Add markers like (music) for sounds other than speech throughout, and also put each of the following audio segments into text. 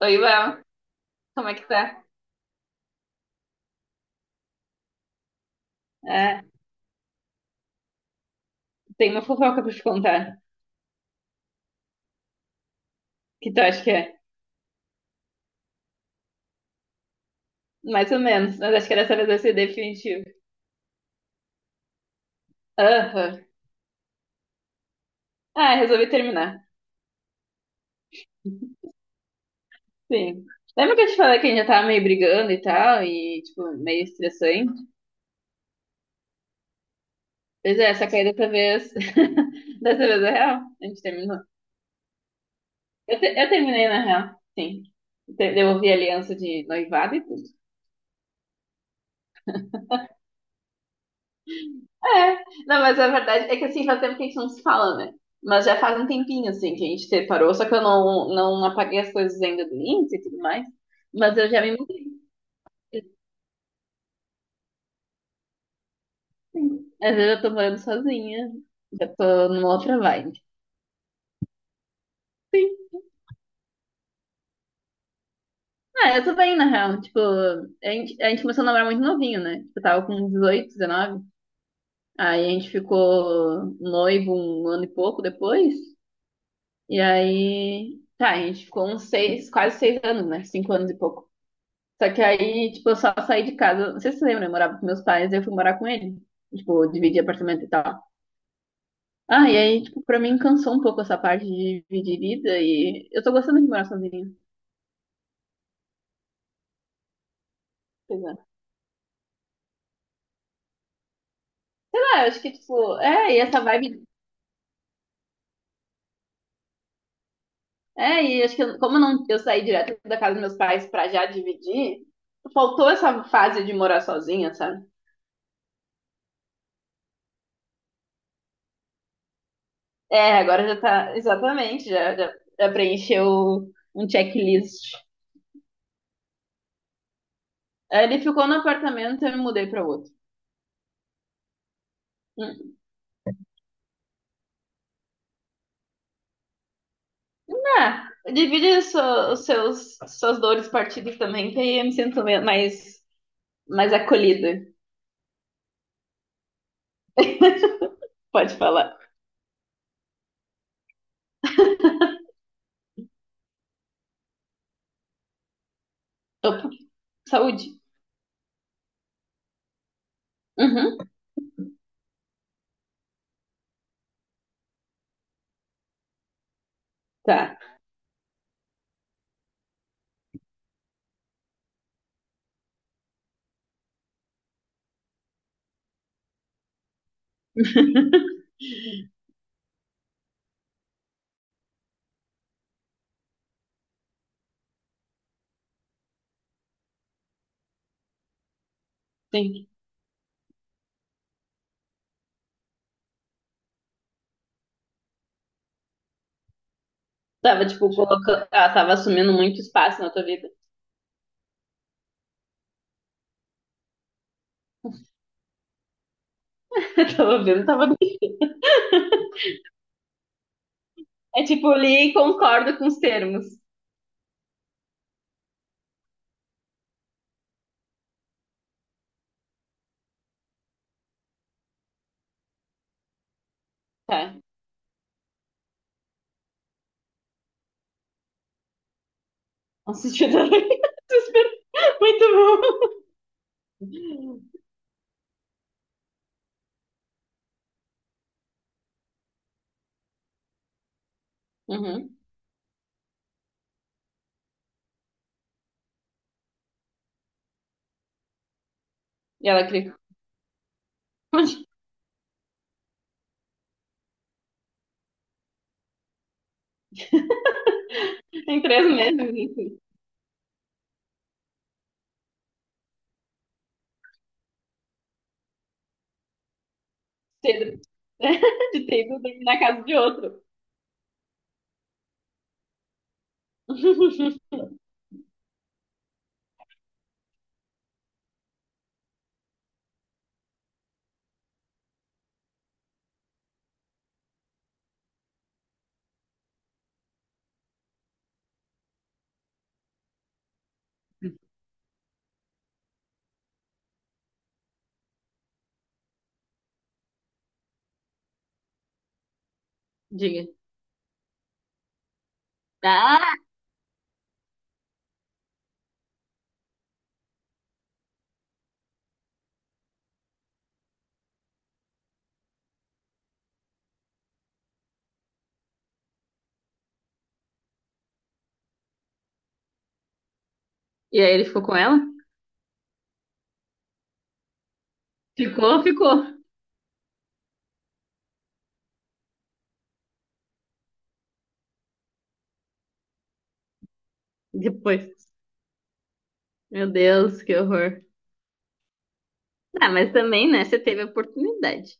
Oi, Léo, como é que tá? É, tem uma fofoca pra te contar. Que tu acha que é? Mais ou menos, mas acho que dessa vez vai ser definitivo. Aham. Ah, resolvi terminar. Sim. Lembra que eu te falei que a gente já tava meio brigando e tal, e, tipo, meio estressante? Pois é, só que aí dessa vez. (laughs) Dessa vez é real? A gente terminou. Eu terminei na real, sim. Devolvi a aliança de noivado e tudo. É, não, mas a verdade é que assim, faz tempo que a gente não se fala, né? Mas já faz um tempinho, assim, que a gente separou, só que eu não apaguei as coisas ainda do Insta e tudo mais. Mas eu já me mudei. Sim. Às vezes eu tô morando sozinha, já tô numa outra vibe. Sim. Ah, eu tô bem, na real. Tipo, a gente começou a namorar muito novinho, né? Tipo, eu tava com 18, 19. Aí a gente ficou noivo um ano e pouco depois. E aí, tá, a gente ficou uns seis, quase 6 anos, né? 5 anos e pouco. Só que aí, tipo, eu só saí de casa. Não sei se você lembra, eu morava com meus pais, e eu fui morar com ele. Tipo, dividir apartamento e tal. Ah, e aí, tipo, pra mim cansou um pouco essa parte de dividir vida e eu tô gostando de morar sozinha. Pois é. Sei lá, eu acho que, tipo, é, e essa vibe. É, e acho que como eu não, eu saí direto da casa dos meus pais pra já dividir, faltou essa fase de morar sozinha, sabe? É, agora já tá, exatamente, já preencheu um checklist. Aí ele ficou no apartamento e eu me mudei pra outro. Ah, divide os seus, suas dores partidas também, que aí eu me sinto mais acolhida. Pode falar. Saúde. Uhum, tá. (laughs) Sim. Tava, tipo, colocando. Ela tava assumindo muito espaço na tua vida. (laughs) Eu tava vendo, tava. É tipo, li e concordo com os termos. Tá. Um sentido (laughs) muito bom. Uhum. E ela criou. (laughs) Tem 3 meses, enfim. Cedo. (laughs) De ter ido dormir na casa de outro. (laughs) Diga. Ah! E aí ele ficou com ela? Ficou, ficou. Depois. Meu Deus, que horror. Ah, mas também, né? Você teve a oportunidade.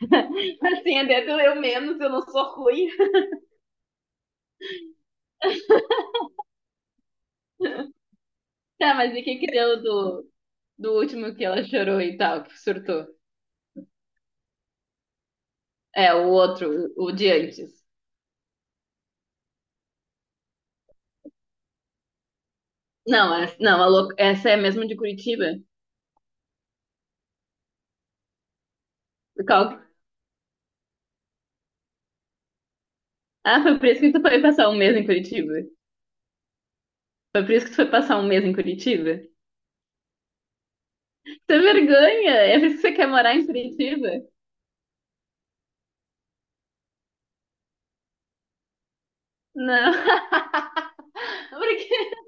(laughs) Assim, até que eu menos, eu não sou ruim. (laughs) Tá, mas e o que que deu do último que ela chorou e tal, que surtou? É, o outro, o de antes. Não, essa, não, essa é mesmo de Curitiba? Qual- Ah, foi por isso que tu foi passar um mês em Curitiba? Foi por isso que tu foi passar um mês em Curitiba? Você vergonha! É por isso que você quer morar em Curitiba? Não, (laughs) porque...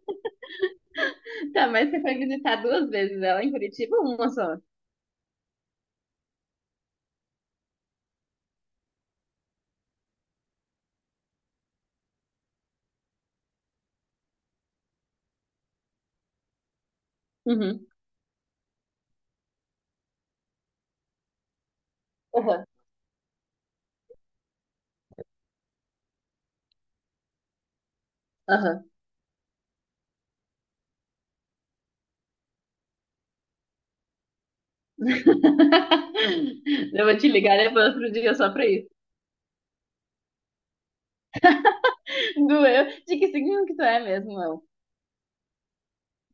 Tá, mas você foi visitar duas vezes ela em Curitiba ou uma só? Uhum, aham, aham. (laughs) Eu vou te ligar depois outro dia só pra isso. Doeu. De que signo que tu é mesmo, Léo?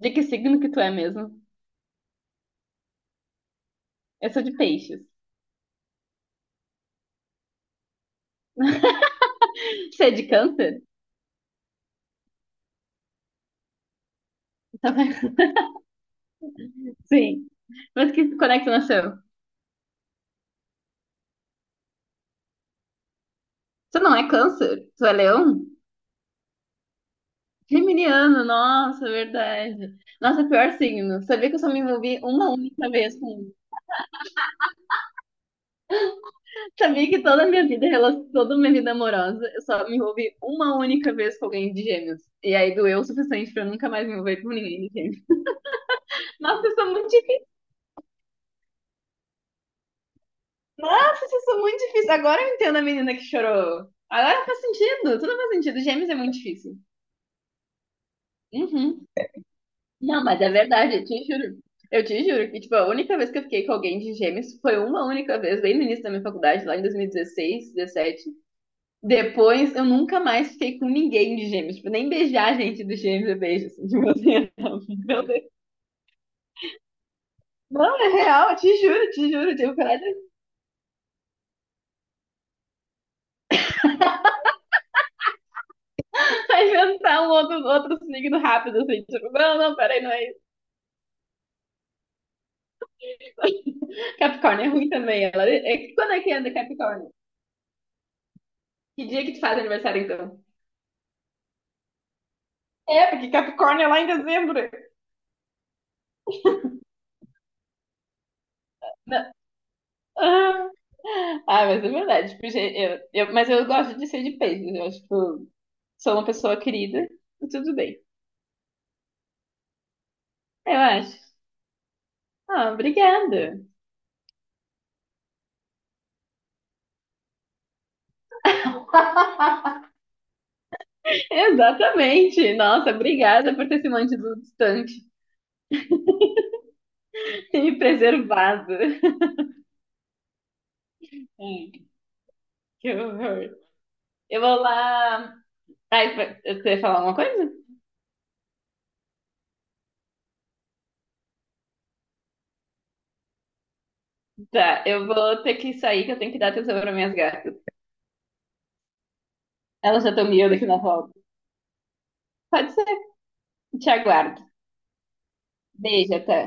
De que signo que tu é mesmo? Eu sou de peixes. Você é de câncer? Tá bem. (laughs) Sim. Mas que, quando é que tu nasceu? Tu não é câncer? Tu é leão? Geminiano, nossa, verdade. Nossa, é pior signo. Sabia que eu só me envolvi uma única vez com. Sabia que toda a minha vida, toda a minha vida amorosa, eu só me envolvi uma única vez com alguém de gêmeos. E aí doeu o suficiente pra eu nunca mais me envolver com ninguém de gêmeos. Nossa, eu sou muito difícil. Nossa, eu sou muito difícil. Agora eu entendo a menina que chorou. Agora faz sentido. Tudo faz sentido. Gêmeos é muito difícil. Uhum. Não, mas é verdade, eu te juro. Eu te juro que, tipo, a única vez que eu fiquei com alguém de gêmeos foi uma única vez, bem no início da minha faculdade, lá em 2016, 17. Depois eu nunca mais fiquei com ninguém de gêmeos. Tipo, nem beijar a gente dos gêmeos eu beijo. Assim, tipo assim, não. Meu Deus. Não, é real, eu te juro, te juro. Tipo, peraí, vai inventar um outro signo rápido, assim. Tipo, não, não, peraí, não é isso. (laughs) Capricórnio é ruim também. Quando é que anda Capricórnio? Que dia que tu faz aniversário, então? É, porque Capricórnio é lá em dezembro. Não. Ah, Ah, mas é verdade. Tipo, gente, mas eu gosto de ser de peixes. Eu acho que tipo, sou uma pessoa querida e tudo bem. Eu acho. Ah, obrigada. (laughs) Exatamente. Nossa, obrigada por ter se mantido distante (laughs) e me preservado. Ai, que horror. Eu vou lá. Ai, você ia falar uma coisa? Tá, eu vou ter que sair, que eu tenho que dar atenção para minhas gatas. Elas já estão miando aqui na roda. Pode ser. Te aguardo. Beijo, até.